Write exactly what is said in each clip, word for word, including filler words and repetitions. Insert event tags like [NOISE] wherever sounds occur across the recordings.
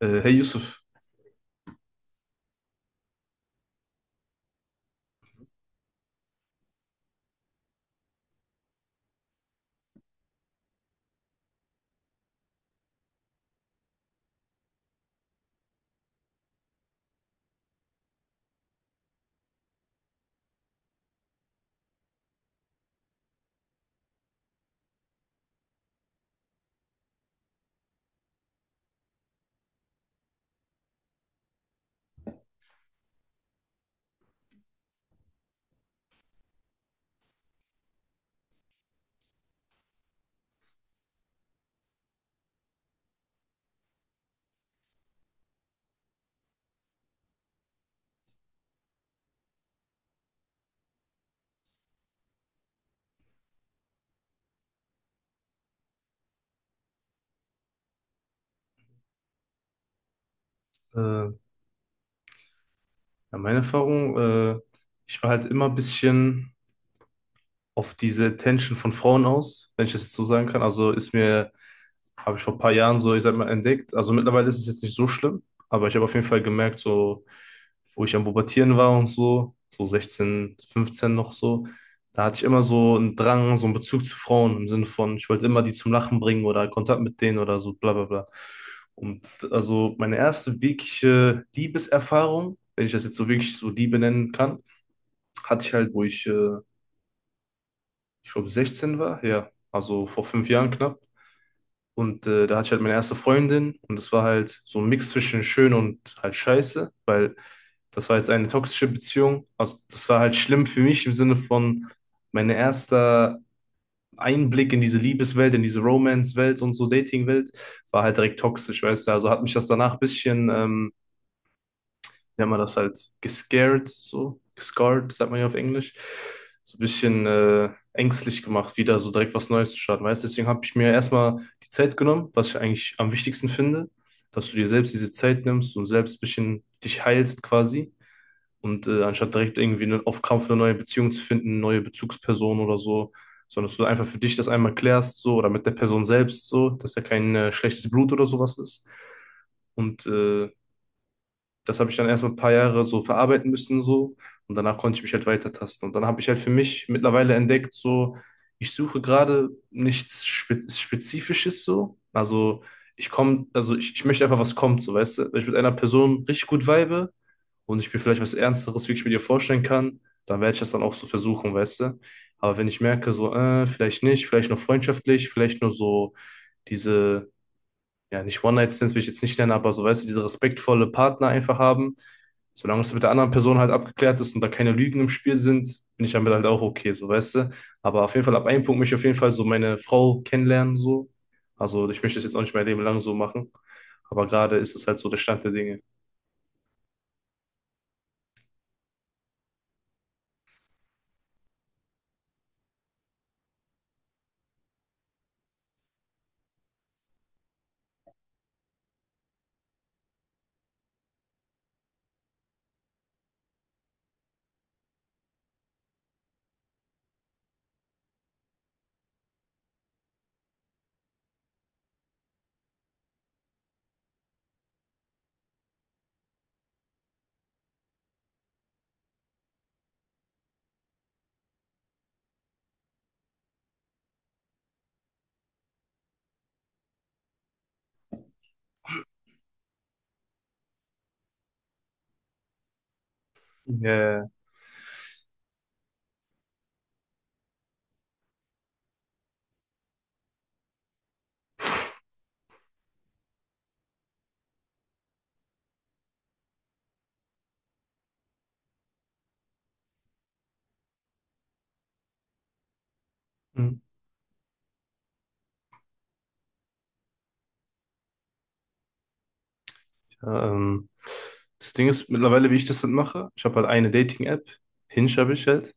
Äh, hey Yusuf, äh, ja, meine Erfahrung, äh, ich war halt immer ein bisschen auf diese Attention von Frauen aus, wenn ich das jetzt so sagen kann. Also ist mir Habe ich vor ein paar Jahren so, ich sag mal, entdeckt. Also mittlerweile ist es jetzt nicht so schlimm, aber ich habe auf jeden Fall gemerkt, so, wo ich am Pubertieren war und so, so sechzehn, fünfzehn noch so, da hatte ich immer so einen Drang, so einen Bezug zu Frauen im Sinne von, ich wollte immer die zum Lachen bringen oder Kontakt mit denen oder so, bla bla bla. Und also meine erste wirkliche Liebeserfahrung, wenn ich das jetzt so wirklich so Liebe nennen kann, hatte ich halt, wo ich, äh, ich glaube, sechzehn war, ja, also vor fünf Jahren knapp. Und äh, da hatte ich halt meine erste Freundin und es war halt so ein Mix zwischen schön und halt scheiße, weil das war jetzt eine toxische Beziehung. Also das war halt schlimm für mich im Sinne von mein erster Einblick in diese Liebeswelt, in diese Romance-Welt und so Dating-Welt war halt direkt toxisch, weißt du. Also hat mich das danach ein bisschen ähm, nennt man das halt, gescared, so, gescarred, sagt man ja auf Englisch, so ein bisschen äh, ängstlich gemacht, wieder so direkt was Neues zu starten, weißt du? Deswegen habe ich mir erstmal die Zeit genommen, was ich eigentlich am wichtigsten finde, dass du dir selbst diese Zeit nimmst und selbst ein bisschen dich heilst quasi. Und äh, anstatt direkt irgendwie ne- auf Krampf eine neue Beziehung zu finden, neue Bezugsperson oder so, sondern dass du einfach für dich das einmal klärst, so, oder mit der Person selbst, so, dass ja kein äh, schlechtes Blut oder sowas ist. Und äh, das habe ich dann erstmal ein paar Jahre so verarbeiten müssen so und danach konnte ich mich halt weitertasten. Und dann habe ich halt für mich mittlerweile entdeckt, so ich suche gerade nichts Spe Spezifisches so. Also ich komme, also ich, ich möchte einfach, was kommt, so weißt du. Wenn ich mit einer Person richtig gut vibe und ich mir vielleicht was Ernsteres wirklich mit ihr vorstellen kann, dann werde ich das dann auch so versuchen, weißt du. Aber wenn ich merke, so, äh, vielleicht nicht, vielleicht nur freundschaftlich, vielleicht nur so diese ja, nicht One-Night-Stands will ich jetzt nicht nennen, aber so, weißt du, diese respektvolle Partner einfach haben. Solange es mit der anderen Person halt abgeklärt ist und da keine Lügen im Spiel sind, bin ich damit halt auch okay, so, weißt du. Aber auf jeden Fall, ab einem Punkt möchte ich auf jeden Fall so meine Frau kennenlernen, so. Also, ich möchte es jetzt auch nicht mein Leben lang so machen. Aber gerade ist es halt so der Stand der Dinge. Ja. Mhm. Ja, ähm, das Ding ist mittlerweile, wie ich das dann mache. Ich habe halt eine Dating-App, Hinge habe ich halt.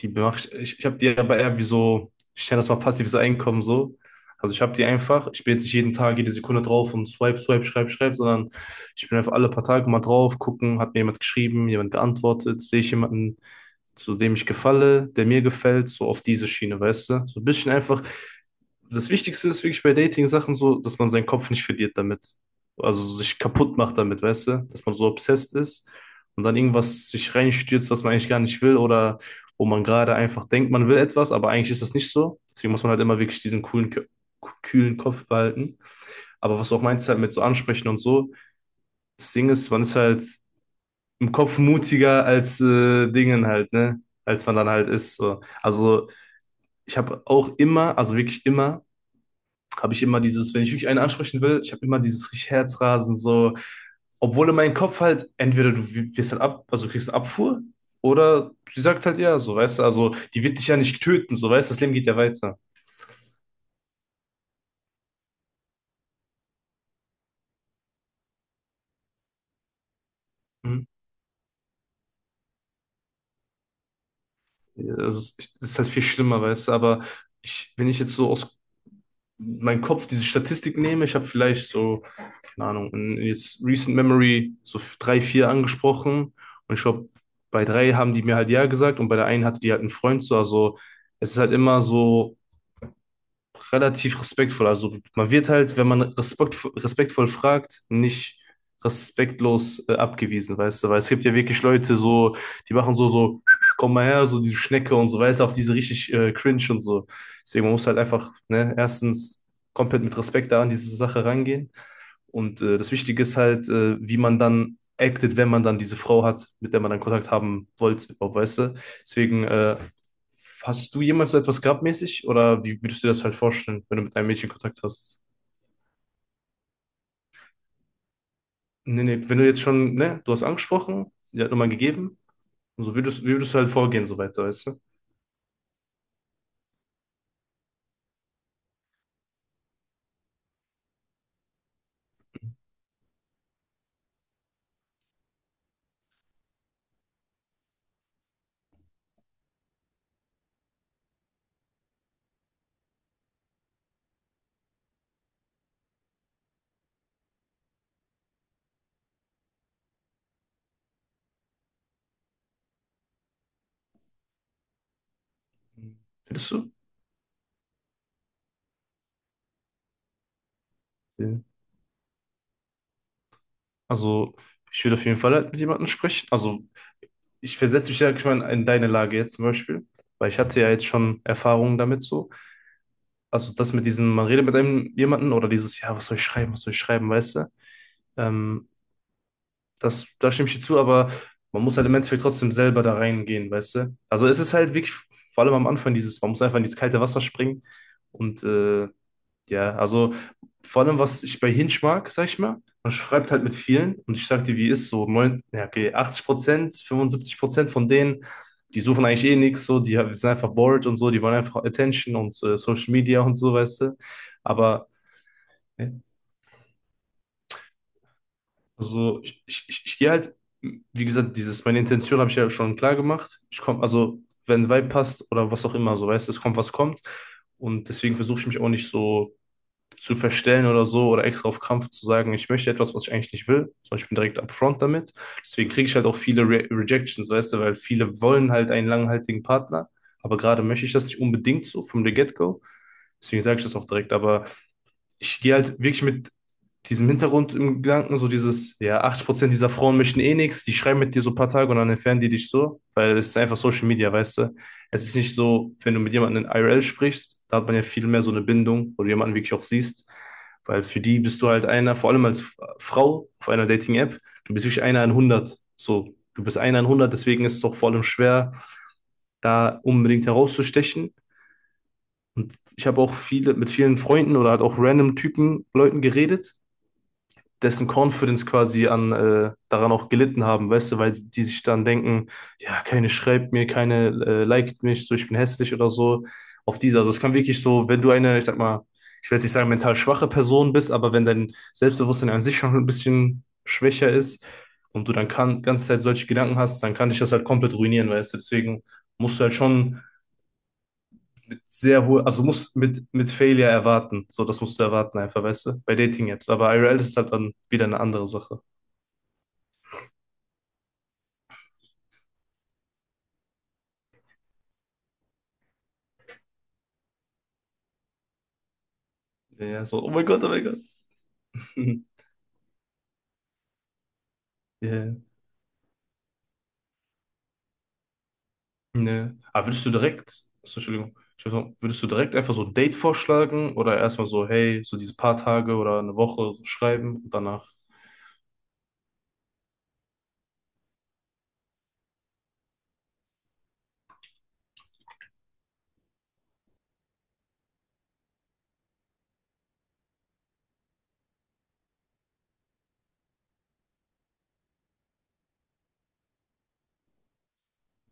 Die mach ich, ich, ich habe die aber eher wie so, ich nenne das mal passives Einkommen so. Also ich habe die einfach, ich bin jetzt nicht jeden Tag, jede Sekunde drauf und swipe, swipe, schreib, schreib, sondern ich bin einfach alle paar Tage mal drauf, gucken, hat mir jemand geschrieben, jemand geantwortet, sehe ich jemanden, so dem ich gefalle, der mir gefällt, so auf diese Schiene, weißt du? So ein bisschen einfach. Das Wichtigste ist wirklich bei Dating-Sachen so, dass man seinen Kopf nicht verliert damit. Also sich kaputt macht damit, weißt du? Dass man so obsessed ist und dann irgendwas sich reinstürzt, was man eigentlich gar nicht will oder wo man gerade einfach denkt, man will etwas, aber eigentlich ist das nicht so. Deswegen muss man halt immer wirklich diesen coolen, Kö- kühlen Kopf behalten. Aber was du auch meinst halt mit so ansprechen und so, das Ding ist, man ist halt im Kopf mutiger als äh, Dingen halt, ne? Als man dann halt ist. So. Also ich habe auch immer, also wirklich immer, habe ich immer dieses, wenn ich wirklich einen ansprechen will, ich habe immer dieses richtig Herzrasen, so, obwohl in meinem Kopf halt, entweder du wirst halt ab, also du kriegst eine Abfuhr, oder sie sagt halt ja, so, weißt du, also die wird dich ja nicht töten, so, weißt du, das Leben geht ja weiter. Mhm. Also, es ist halt viel schlimmer, weißt du, aber ich, wenn ich jetzt so aus meinem Kopf diese Statistik nehme, ich habe vielleicht so keine Ahnung, in jetzt Recent Memory so drei, vier angesprochen. Und ich glaube, bei drei haben die mir halt ja gesagt und bei der einen hatte die halt einen Freund so. Also es ist halt immer so relativ respektvoll. Also man wird halt, wenn man respekt, respektvoll fragt, nicht respektlos äh, abgewiesen, weißt du? Weil es gibt ja wirklich Leute so, die machen so, so, komm mal her, so die Schnecke und so, weißt du, auf diese richtig äh, cringe und so. Deswegen man muss halt einfach, ne, erstens komplett mit Respekt da an diese Sache rangehen. Und äh, das Wichtige ist halt, äh, wie man dann acted, wenn man dann diese Frau hat, mit der man dann Kontakt haben wollte, überhaupt, weißt du? Deswegen, äh, hast du jemals so etwas gehabt mäßig? Oder wie würdest du dir das halt vorstellen, wenn du mit einem Mädchen Kontakt hast? Nee, nee, wenn du jetzt schon, ne, du hast angesprochen, die hat Nummer gegeben, und so würdest, wie würdest du halt vorgehen, so weiter, weißt du? Findest du? Ja. Also, ich würde auf jeden Fall halt mit jemandem sprechen. Also, ich versetze mich ja ich meine, in deine Lage jetzt zum Beispiel, weil ich hatte ja jetzt schon Erfahrungen damit so. Also das mit diesem, man redet mit einem jemanden oder dieses, ja, was soll ich schreiben, was soll ich schreiben, weißt du? Ähm, das, da stimme ich dir zu, aber man muss halt im Endeffekt trotzdem selber da reingehen, weißt du? Also es ist halt wirklich, vor allem am Anfang, dieses, man muss einfach in dieses kalte Wasser springen und äh, ja, also vor allem, was ich bei Hinge mag, sag ich mal, man schreibt halt mit vielen und ich sag dir, wie ist so, neun, ja, okay, achtzig Prozent, fünfundsiebzig Prozent von denen, die suchen eigentlich eh nichts, so, die sind einfach bored und so, die wollen einfach Attention und äh, Social Media und so, weißt du. Aber ne, also, ich, ich, ich, ich gehe halt, wie gesagt, dieses, meine Intention habe ich ja schon klar gemacht. Ich komme, also, wenn ein Vibe passt oder was auch immer, so, weißt du, es kommt, was kommt. Und deswegen versuche ich mich auch nicht so zu verstellen oder so oder extra auf Kampf zu sagen, ich möchte etwas, was ich eigentlich nicht will, sondern ich bin direkt upfront damit. Deswegen kriege ich halt auch viele Re Rejections, weißt du, weil viele wollen halt einen langhaltigen Partner, aber gerade möchte ich das nicht unbedingt so vom the get-go. Deswegen sage ich das auch direkt, aber ich gehe halt wirklich mit diesem Hintergrund im Gedanken, so dieses, ja, achtzig Prozent dieser Frauen möchten eh nichts, die schreiben mit dir so ein paar Tage und dann entfernen die dich so, weil es ist einfach Social Media, weißt du. Es ist nicht so, wenn du mit jemandem in I R L sprichst, da hat man ja viel mehr so eine Bindung, wo du jemanden wirklich auch siehst, weil für die bist du halt einer, vor allem als Frau auf einer Dating-App, du bist wirklich einer in hundert, so. Du bist einer in hundert, deswegen ist es auch vor allem schwer, da unbedingt herauszustechen. Und ich habe auch viele mit vielen Freunden oder halt auch random Typen, Leuten geredet dessen Confidence quasi an, äh, daran auch gelitten haben, weißt du, weil die sich dann denken, ja, keine schreibt mir, keine äh, liked mich, so ich bin hässlich oder so. Auf diese, also es kann wirklich so, wenn du eine, ich sag mal, ich will jetzt nicht sagen, mental schwache Person bist, aber wenn dein Selbstbewusstsein an sich schon ein bisschen schwächer ist und du dann kann, die ganze Zeit solche Gedanken hast, dann kann dich das halt komplett ruinieren, weißt du, deswegen musst du halt schon mit sehr hohe, also musst mit, mit Failure erwarten, so das musst du erwarten einfach, weißt du, bei Dating-Apps, aber I R L ist halt dann wieder eine andere Sache. Ja, ja, so, oh mein Gott, oh mein Gott. [LAUGHS] Ja, ne. Aber würdest du direkt, so, Entschuldigung, ich würd sagen, würdest du direkt einfach so ein Date vorschlagen oder erstmal so, hey, so diese paar Tage oder eine Woche schreiben und danach?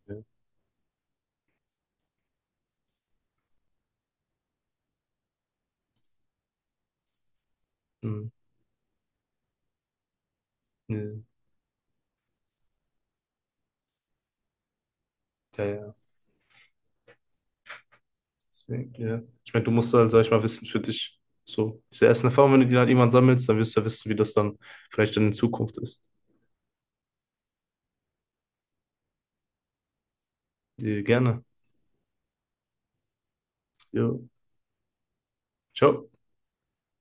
Ja, hm, ne, ja, ja. Deswegen, ja. Ich meine, du musst halt, sag ich mal, wissen für dich, so, diese ersten Erfahrungen, wenn du die dann irgendwann sammelst, dann wirst du ja wissen, wie das dann vielleicht dann in Zukunft ist. Ja, gerne. Jo. Ciao.